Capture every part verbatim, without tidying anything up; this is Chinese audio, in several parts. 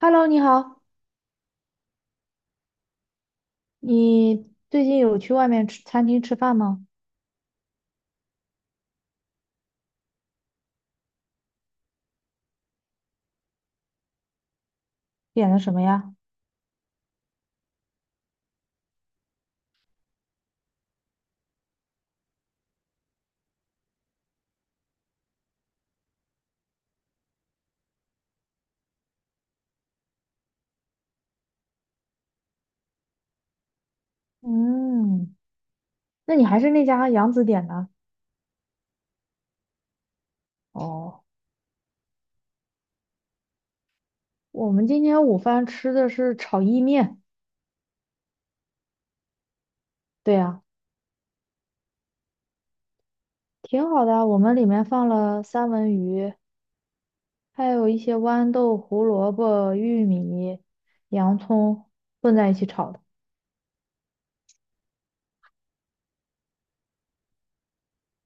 Hello，你好，你最近有去外面吃餐厅吃饭吗？点的什么呀？嗯，那你还是那家杨子点的？哦，我们今天午饭吃的是炒意面。对呀，挺好的啊，我们里面放了三文鱼，还有一些豌豆、胡萝卜、玉米、洋葱混在一起炒的。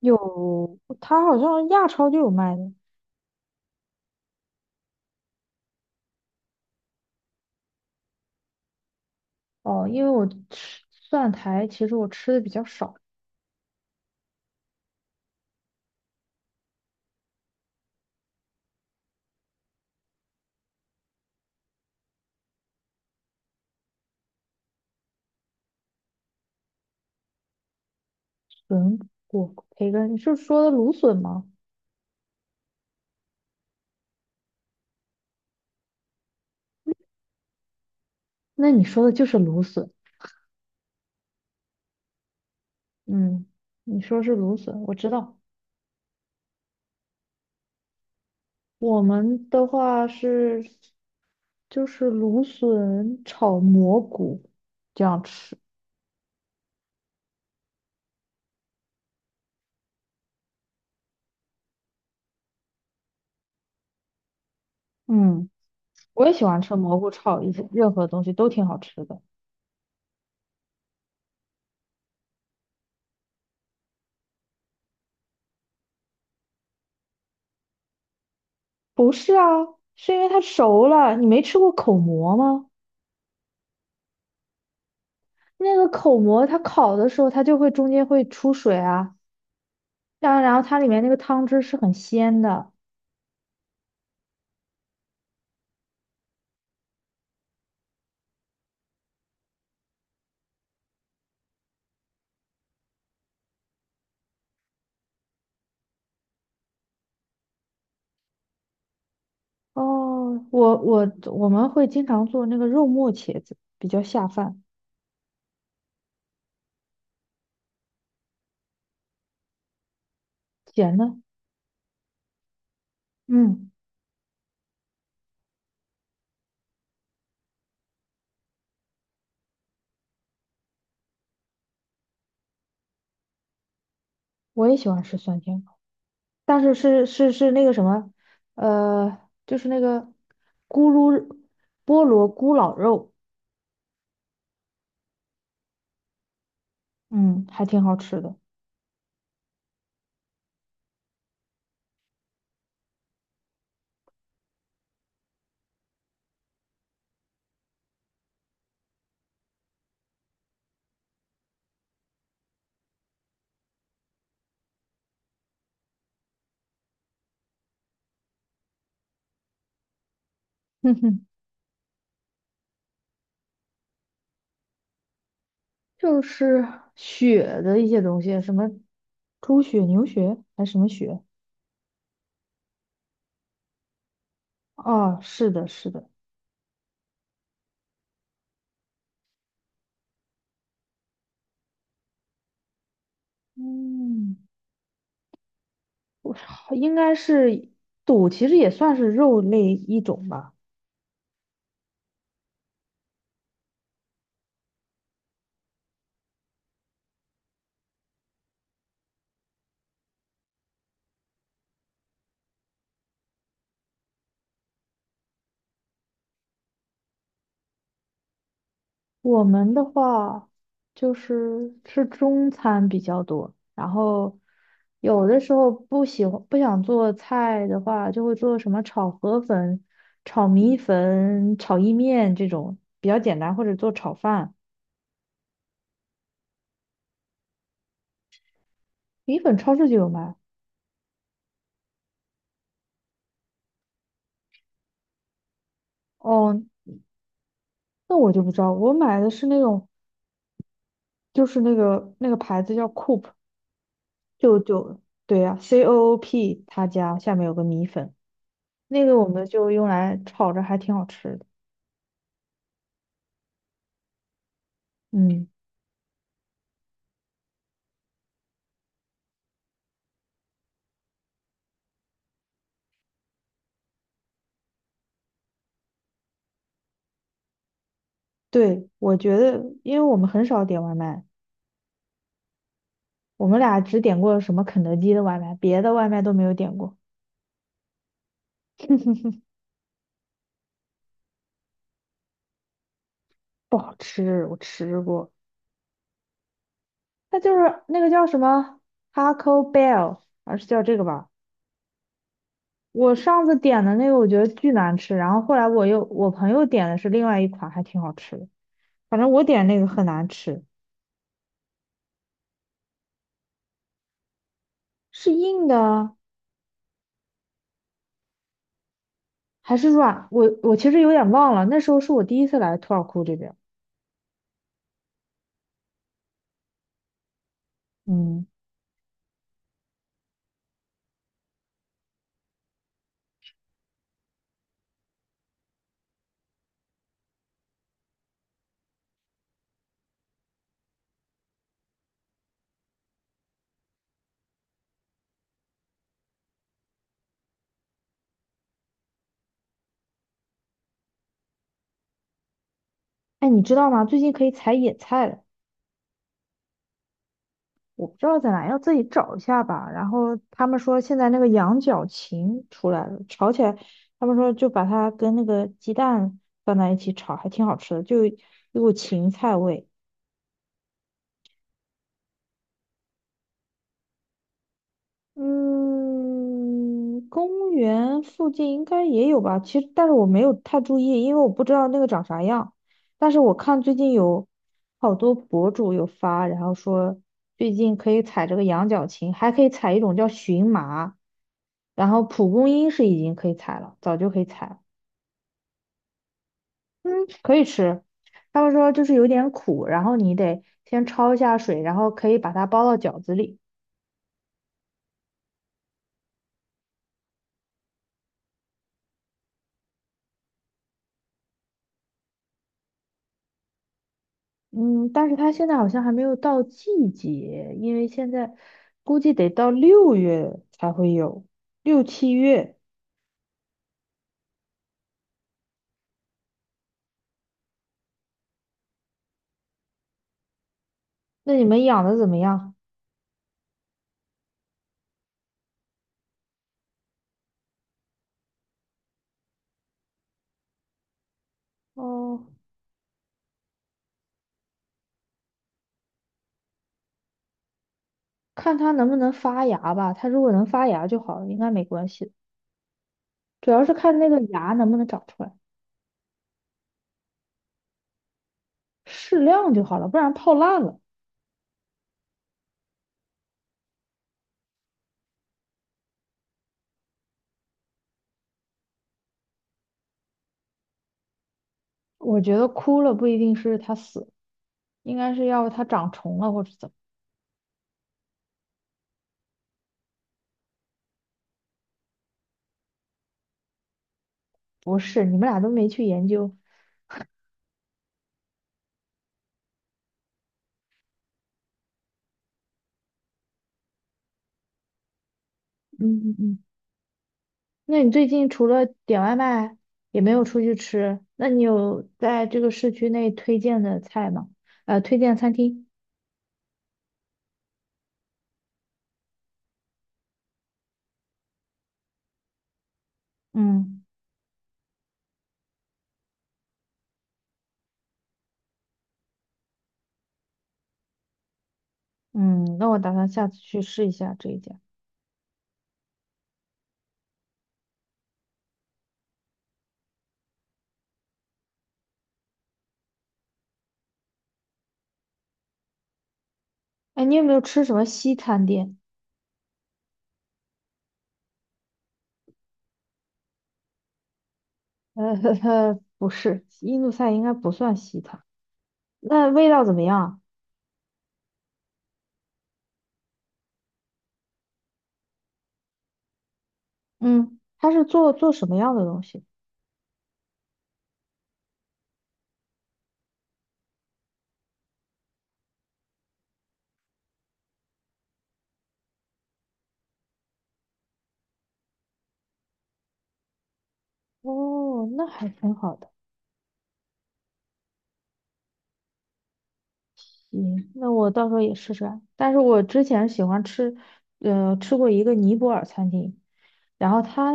有，它好像亚超就有卖的。哦，因为我吃蒜苔，其实我吃的比较少。笋果培根，你是说的芦笋吗？那你说的就是芦笋。嗯，你说是芦笋，我知道。我们的话是就是芦笋炒蘑菇这样吃。嗯，我也喜欢吃蘑菇炒一些任何东西都挺好吃的。不是啊，是因为它熟了。你没吃过口蘑吗？那个口蘑它烤的时候，它就会中间会出水啊，然后然后它里面那个汤汁是很鲜的。哦，我我我们会经常做那个肉末茄子，比较下饭。咸的。嗯，我也喜欢吃酸甜口，但是是是是那个什么，呃，就是那个咕噜菠萝咕老肉。嗯，还挺好吃的。哼哼，就是血的一些东西，什么猪血、牛血还是什么血？哦，是的，是的。嗯，应该是肚，其实也算是肉类一种吧。我们的话就是吃中餐比较多，然后有的时候不喜欢不想做菜的话，就会做什么炒河粉、炒米粉、炒意面这种比较简单，或者做炒饭。米粉超市就有卖。哦，那我就不知道，我买的是那种就是那个那个牌子叫 Coop。就就对呀、c O O P 他家下面有个米粉，那个我们就用来炒着，还挺好吃的。嗯。对，我觉得，因为我们很少点外卖，我们俩只点过什么肯德基的外卖，别的外卖都没有点过。不好吃，我吃过。它就是那个叫什么 Taco Bell，还是叫这个吧？我上次点的那个我觉得巨难吃，然后后来我又，我朋友点的是另外一款，还挺好吃的。反正我点那个很难吃，是硬的啊还是软？我我其实有点忘了，那时候是我第一次来土尔库这边。嗯，哎，你知道吗？最近可以采野菜了。我不知道在哪，要自己找一下吧。然后他们说现在那个羊角芹出来了，炒起来，他们说就把它跟那个鸡蛋放在一起炒，还挺好吃的，就有股芹菜味。嗯，公园附近应该也有吧。其实，但是我没有太注意，因为我不知道那个长啥样。但是我看最近有好多博主有发，然后说最近可以采这个羊角芹，还可以采一种叫荨麻，然后蒲公英是已经可以采了，早就可以采了。嗯，可以吃。他们说就是有点苦，然后你得先焯一下水，然后可以把它包到饺子里。嗯，但是它现在好像还没有到季节，因为现在估计得到六月才会有，六七月。那你们养的怎么样？哦，看它能不能发芽吧。它如果能发芽就好了，应该没关系。主要是看那个芽能不能长出来，适量就好了，不然泡烂了。我觉得枯了不一定是它死，应该是要它长虫了或者怎么。不是，你们俩都没去研究。嗯嗯嗯。那你最近除了点外卖，也没有出去吃，那你有在这个市区内推荐的菜吗？呃，推荐餐厅？嗯嗯，那我打算下次去试一下这一家。哎，你有没有吃什么西餐店？呃，呵呵，不是，印度菜应该不算西餐。那味道怎么样啊？嗯，他是做做什么样的东西？哦，那还挺好的。行，那我到时候也试试啊。但是我之前喜欢吃，呃，吃过一个尼泊尔餐厅，然后他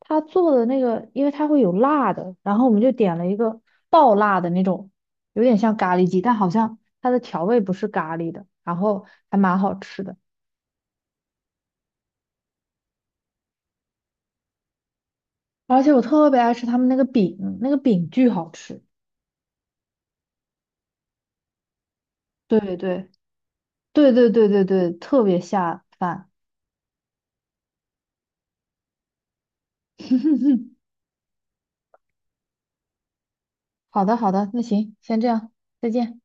他做的那个，因为它会有辣的，然后我们就点了一个爆辣的那种，有点像咖喱鸡，但好像它的调味不是咖喱的，然后还蛮好吃的。而且我特别爱吃他们那个饼，那个饼巨好吃。对对对对对对对对，特别下饭。好的好的，那行，先这样，再见。